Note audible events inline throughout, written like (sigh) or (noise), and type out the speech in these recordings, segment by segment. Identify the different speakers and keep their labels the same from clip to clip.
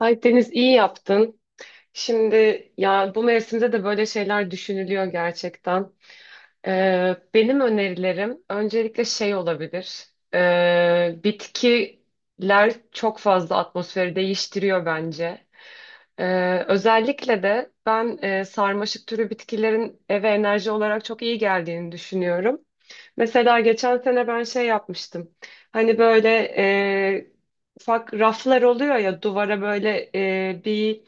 Speaker 1: Ay Deniz iyi yaptın. Şimdi ya bu mevsimde de böyle şeyler düşünülüyor gerçekten. Benim önerilerim öncelikle şey olabilir. Bitkiler çok fazla atmosferi değiştiriyor bence. Özellikle de ben sarmaşık türü bitkilerin eve enerji olarak çok iyi geldiğini düşünüyorum. Mesela geçen sene ben şey yapmıştım. Hani böyle e, ufak raflar oluyor ya duvara böyle bir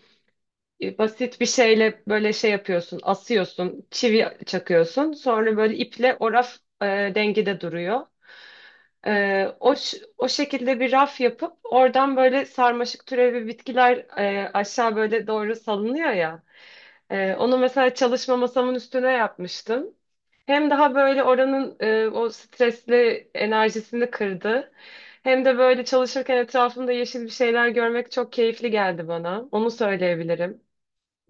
Speaker 1: basit bir şeyle böyle şey yapıyorsun, asıyorsun, çivi çakıyorsun. Sonra böyle iple o raf e, dengede duruyor. O şekilde bir raf yapıp oradan böyle sarmaşık türevi bitkiler aşağı böyle doğru salınıyor ya. Onu mesela çalışma masamın üstüne yapmıştım. Hem daha böyle oranın o stresli enerjisini kırdı. Hem de böyle çalışırken etrafımda yeşil bir şeyler görmek çok keyifli geldi bana. Onu söyleyebilirim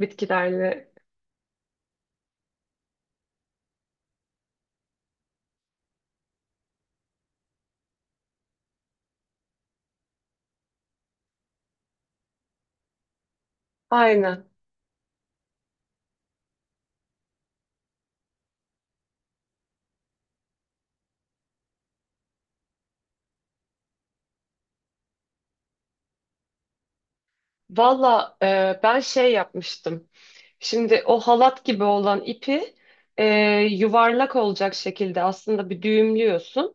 Speaker 1: bitkilerle. Aynen. Valla ben şey yapmıştım. Şimdi o halat gibi olan ipi e, yuvarlak olacak şekilde aslında bir düğümlüyorsun.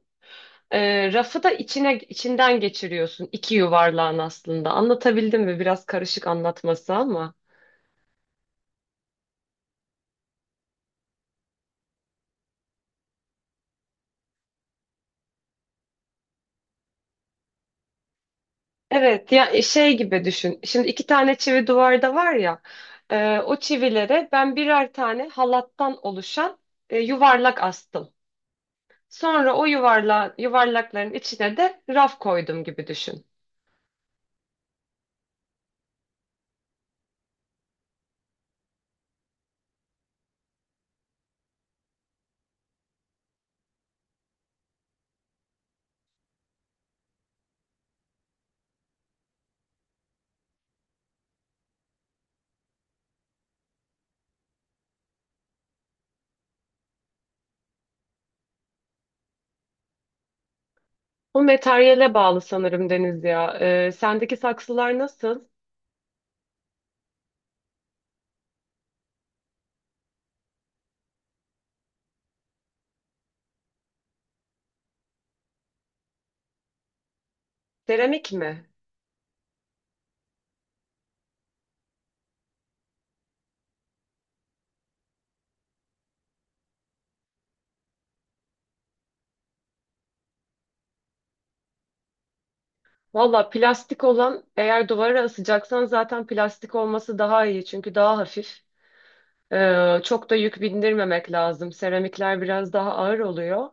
Speaker 1: Rafı da içinden geçiriyorsun. İki yuvarlağın aslında. Anlatabildim mi? Biraz karışık anlatması ama. Evet, ya şey gibi düşün. Şimdi iki tane çivi duvarda var ya. O çivilere ben birer tane halattan oluşan yuvarlak astım. Sonra o yuvarlakların içine de raf koydum gibi düşün. Bu materyale bağlı sanırım Deniz ya. Sendeki saksılar nasıl? Seramik mi? Valla plastik olan eğer duvara asacaksan zaten plastik olması daha iyi çünkü daha hafif. Çok da yük bindirmemek lazım. Seramikler biraz daha ağır oluyor.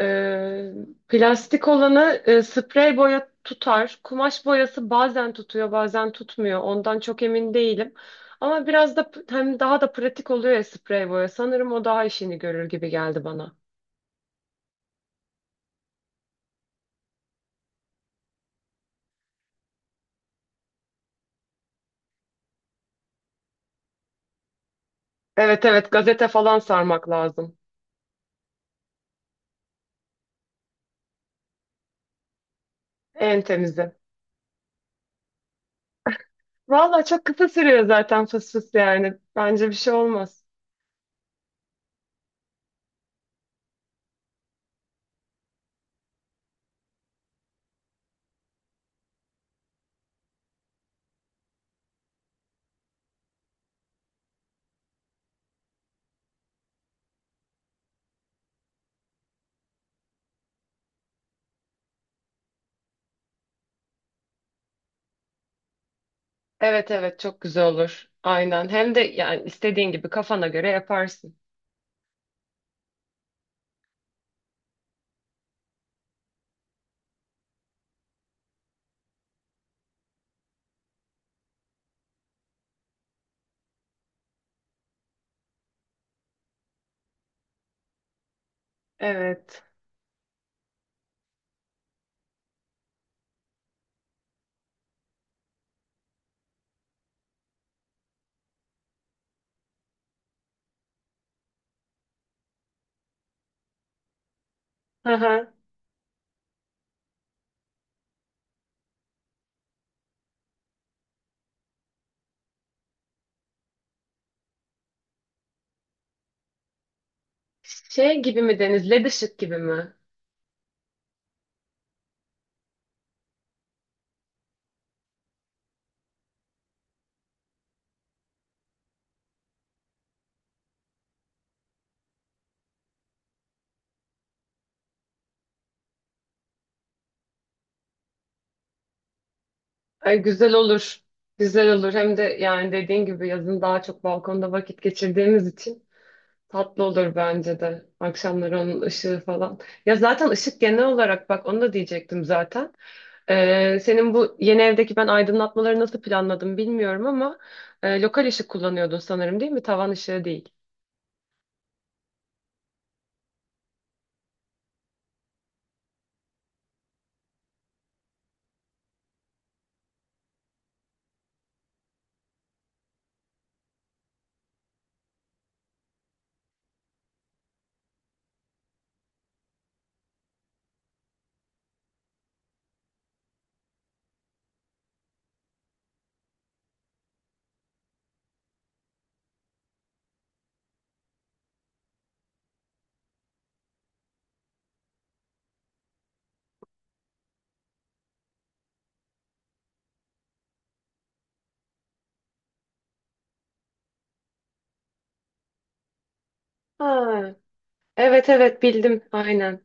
Speaker 1: Ee, Plastik olanı sprey boya tutar. Kumaş boyası bazen tutuyor, bazen tutmuyor. Ondan çok emin değilim. Ama biraz da hem daha da pratik oluyor ya sprey boya. Sanırım o daha işini görür gibi geldi bana. Evet, evet, gazete falan sarmak lazım. En temizi. Valla çok kısa sürüyor zaten fıs fıs yani. Bence bir şey olmaz. Evet, evet, çok güzel olur. Aynen. Hem de yani istediğin gibi kafana göre yaparsın. Evet. (laughs) Şey gibi mi Deniz? Led ışık gibi mi? Ay, güzel olur. Güzel olur. Hem de yani dediğin gibi yazın daha çok balkonda vakit geçirdiğimiz için tatlı olur bence de. Akşamları onun ışığı falan. Ya zaten ışık genel olarak bak onu da diyecektim zaten. Senin bu yeni evdeki ben aydınlatmaları nasıl planladım bilmiyorum ama lokal ışık kullanıyordun sanırım değil mi? Tavan ışığı değil. Ha, evet, evet, bildim aynen.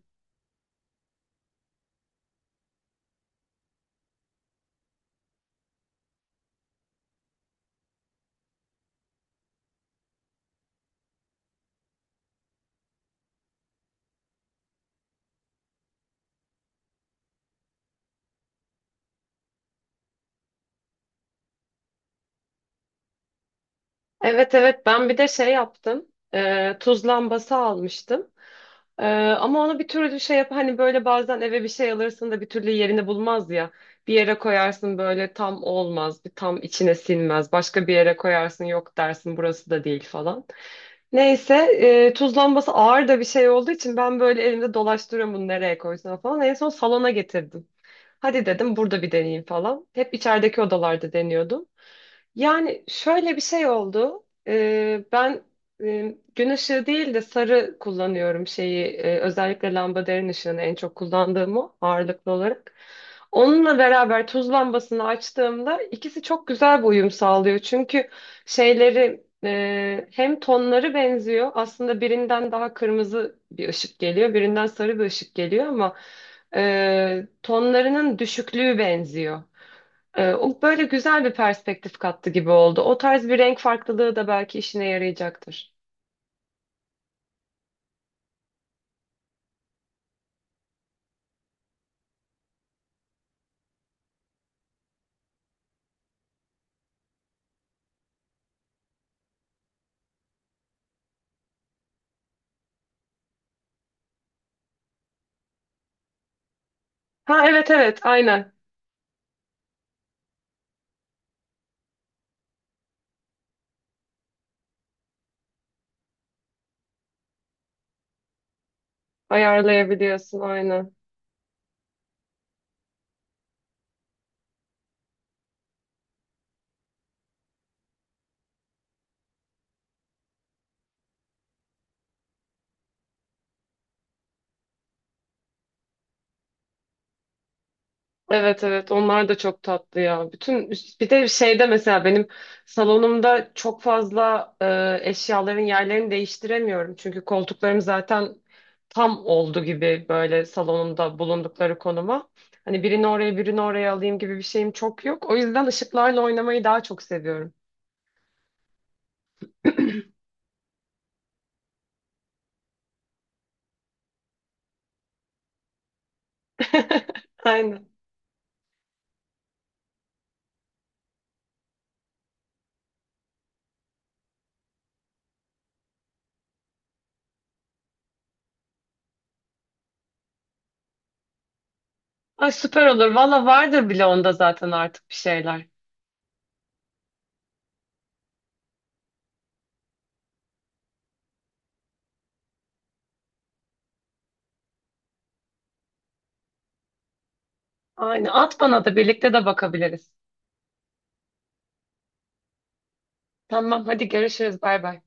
Speaker 1: Evet, evet, ben bir de şey yaptım. Tuz lambası almıştım. Ee, Ama onu bir türlü şey yap hani böyle bazen eve bir şey alırsın da bir türlü yerini bulmaz ya. Bir yere koyarsın böyle tam olmaz, bir tam içine sinmez. Başka bir yere koyarsın yok dersin burası da değil falan. Neyse tuz lambası ağır da bir şey olduğu için ben böyle elimde dolaştırıyorum bunu nereye koysam falan. En son salona getirdim. Hadi dedim burada bir deneyeyim falan. Hep içerideki odalarda deniyordum. Yani şöyle bir şey oldu. Ben gün ışığı değil de sarı kullanıyorum şeyi. Özellikle lambaderin ışığını en çok kullandığım o ağırlıklı olarak. Onunla beraber tuz lambasını açtığımda ikisi çok güzel bir uyum sağlıyor. Çünkü şeyleri hem tonları benziyor. Aslında birinden daha kırmızı bir ışık geliyor, birinden sarı bir ışık geliyor ama tonlarının düşüklüğü benziyor. O böyle güzel bir perspektif kattı gibi oldu. O tarz bir renk farklılığı da belki işine yarayacaktır. Ha, evet, evet, aynen. Ayarlayabiliyorsun aynen. Evet, evet, onlar da çok tatlı ya. Bütün bir de şeyde mesela benim salonumda çok fazla eşyaların yerlerini değiştiremiyorum. Çünkü koltuklarım zaten tam oldu gibi böyle salonumda bulundukları konuma. Hani birini oraya birini oraya alayım gibi bir şeyim çok yok. O yüzden ışıklarla oynamayı daha çok seviyorum. (laughs) Aynen. Ay, süper olur. Valla vardır bile onda zaten artık bir şeyler. Aynen. At bana, da birlikte de bakabiliriz. Tamam, hadi görüşürüz. Bay bay.